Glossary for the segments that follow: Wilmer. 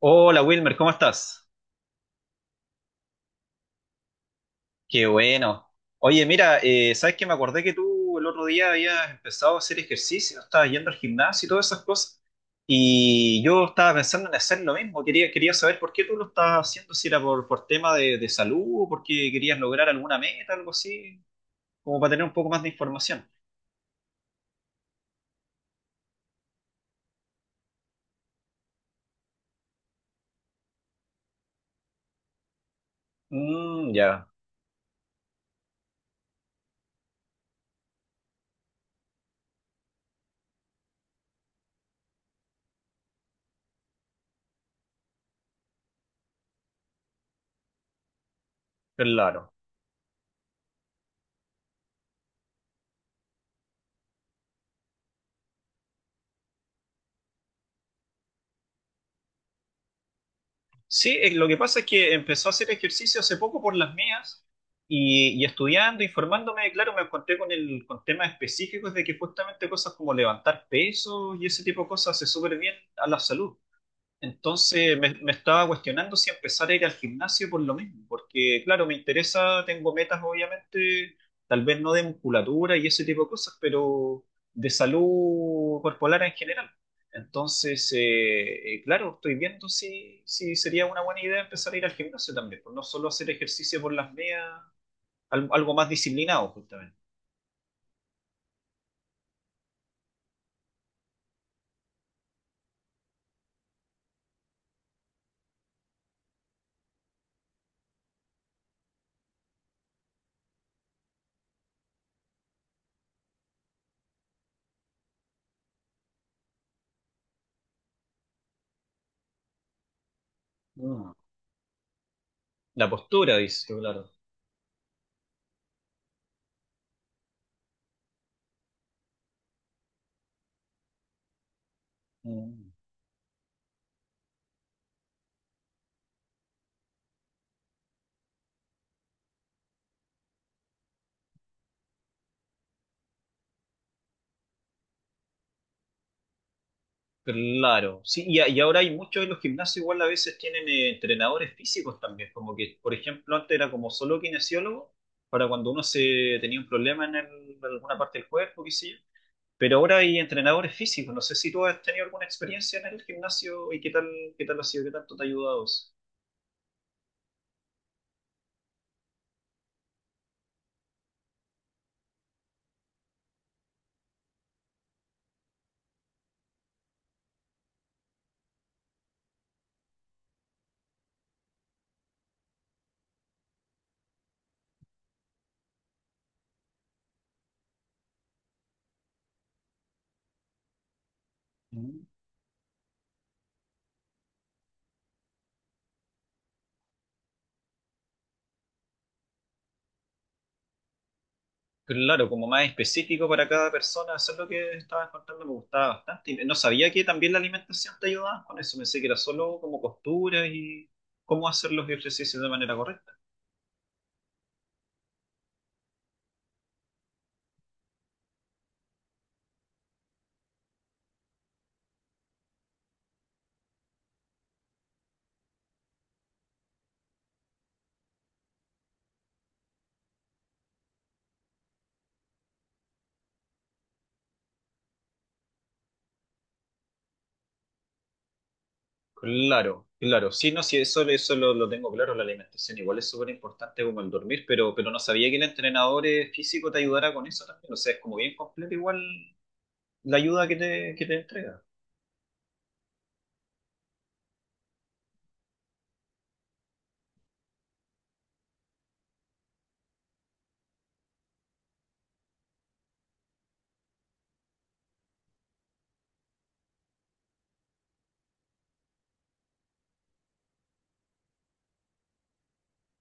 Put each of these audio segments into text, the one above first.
Hola Wilmer, ¿cómo estás? Qué bueno. Oye, mira, ¿sabes? Que me acordé que tú el otro día habías empezado a hacer ejercicio, estabas yendo al gimnasio y todas esas cosas, y yo estaba pensando en hacer lo mismo. Quería saber por qué tú lo estabas haciendo, si era por tema de salud o porque querías lograr alguna meta, algo así, como para tener un poco más de información. Mm, ya, claro. Sí, lo que pasa es que empezó a hacer ejercicio hace poco por las mías y estudiando, informándome, claro, me encontré con, el, con temas específicos de que justamente cosas como levantar pesos y ese tipo de cosas hace súper bien a la salud. Entonces me estaba cuestionando si empezar a ir al gimnasio por lo mismo, porque claro, me interesa, tengo metas obviamente, tal vez no de musculatura y ese tipo de cosas, pero de salud corporal en general. Entonces, claro, estoy viendo si, si sería una buena idea empezar a ir al gimnasio también, pues no solo hacer ejercicio por las medias, algo más disciplinado justamente. Mm. La postura, dice, claro. Mm. Claro, sí, y, y ahora hay muchos en los gimnasios, igual a veces tienen entrenadores físicos también, como que, por ejemplo, antes era como solo kinesiólogo, para cuando uno se tenía un problema en, en alguna parte del cuerpo, qué sé yo, pero ahora hay entrenadores físicos, no sé si tú has tenido alguna experiencia en el gimnasio y qué tal ha sido, qué tanto te ha ayudado eso. Claro, como más específico para cada persona, eso es lo que estabas contando, me gustaba bastante. Y no sabía que también la alimentación te ayudaba con eso, pensé que era solo como posturas y cómo hacer los ejercicios de manera correcta. Claro, claro, sí, no, sí, eso, eso lo tengo claro, la alimentación igual es súper importante como el dormir, pero no sabía que el entrenador físico te ayudara con eso también, o sea, es como bien completo igual la ayuda que te entrega.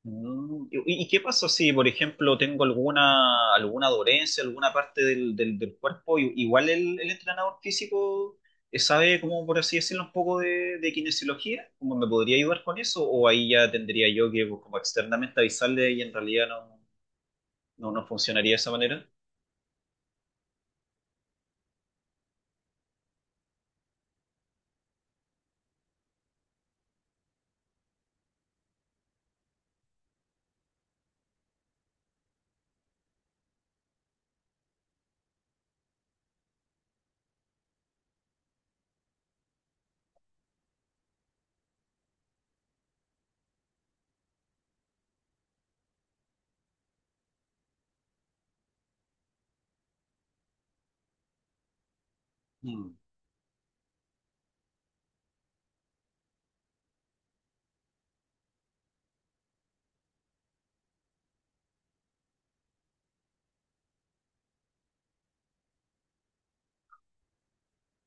Mm, ¿y, y qué pasa si, por ejemplo, tengo alguna, alguna dolencia, alguna parte del cuerpo? Igual el entrenador físico sabe, como por así decirlo, un poco de kinesiología, ¿cómo me podría ayudar con eso? ¿O ahí ya tendría yo que, pues, como externamente avisarle y en realidad no, no, no funcionaría de esa manera? Mm,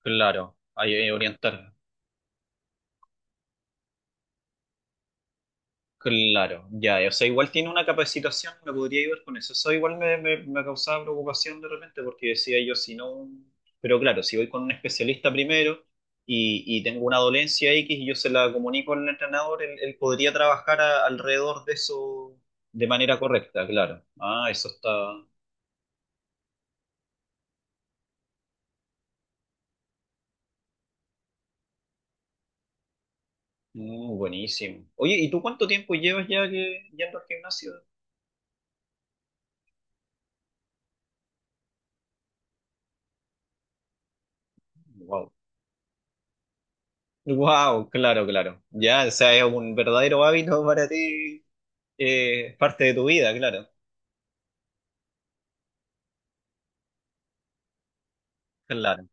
claro, ahí hay que orientarme. Claro, ya, o sea, igual tiene una capacitación, me podría ayudar con eso. Eso igual me causaba preocupación de repente porque decía yo, si no, pero claro, si voy con un especialista primero y tengo una dolencia X y yo se la comunico al entrenador, él podría trabajar alrededor de eso de manera correcta, claro. Ah, eso está mm, buenísimo. Oye, ¿y tú cuánto tiempo llevas ya que, yendo al gimnasio? Wow. Wow, claro, claro. Ya, o sea, es un verdadero hábito para ti. Parte de tu vida, claro, claro,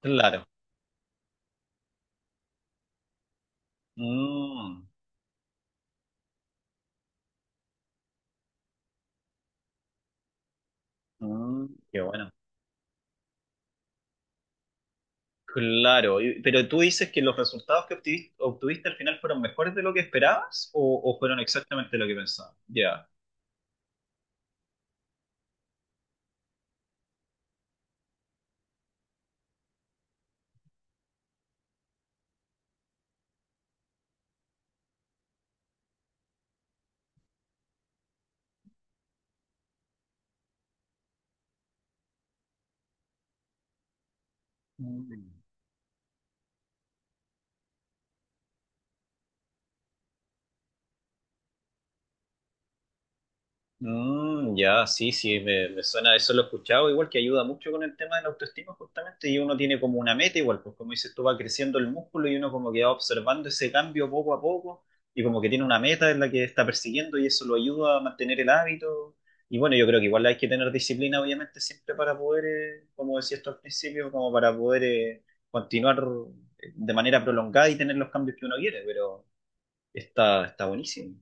claro. Mm, mm, qué bueno. Claro, y- pero tú dices que los resultados que obtuviste al final fueron mejores de lo que esperabas o fueron exactamente lo que pensabas. Ya. Mm. Mm, ya, sí, sí, me suena, eso lo he escuchado, igual que ayuda mucho con el tema de la autoestima justamente, y uno tiene como una meta igual, pues como dices tú, va creciendo el músculo y uno como que va observando ese cambio poco a poco, y como que tiene una meta en la que está persiguiendo y eso lo ayuda a mantener el hábito, y bueno, yo creo que igual hay que tener disciplina obviamente siempre para poder, como decías tú al principio, como para poder continuar de manera prolongada y tener los cambios que uno quiere, pero está, está buenísimo.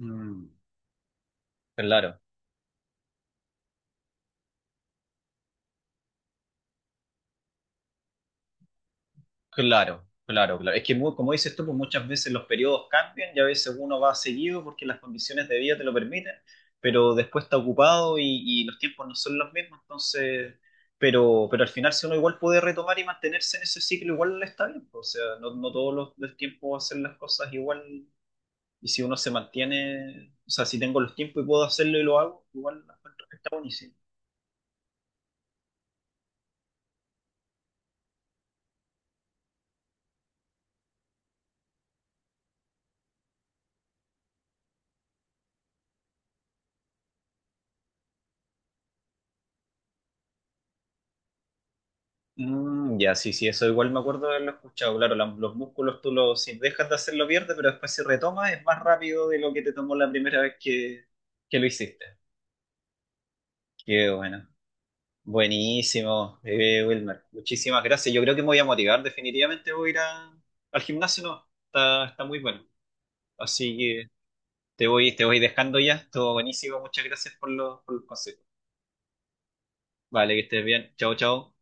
Mm. Claro. Claro, claro, claro. Es que como dices tú, pues muchas veces los periodos cambian y a veces uno va seguido porque las condiciones de vida te lo permiten, pero después está ocupado y los tiempos no son los mismos, entonces, pero al final si uno igual puede retomar y mantenerse en ese ciclo, igual está bien, pues, o sea, no, no todos los tiempos hacer las cosas igual y si uno se mantiene, o sea, si tengo los tiempos y puedo hacerlo y lo hago, igual la encuentro que está buenísimo. Mm, ya, sí, sí, eso igual me acuerdo de haberlo escuchado. Claro, los músculos tú los, si dejas de hacerlo viernes, pero después si retomas es más rápido de lo que te tomó la primera vez que lo hiciste. Qué bueno. Buenísimo, Wilmer. Muchísimas gracias. Yo creo que me voy a motivar. Definitivamente voy a ir al gimnasio, ¿no? Está, está muy bueno. Así que te voy dejando ya. Todo buenísimo. Muchas gracias por los consejos. Vale, que estés bien. Chao, chao.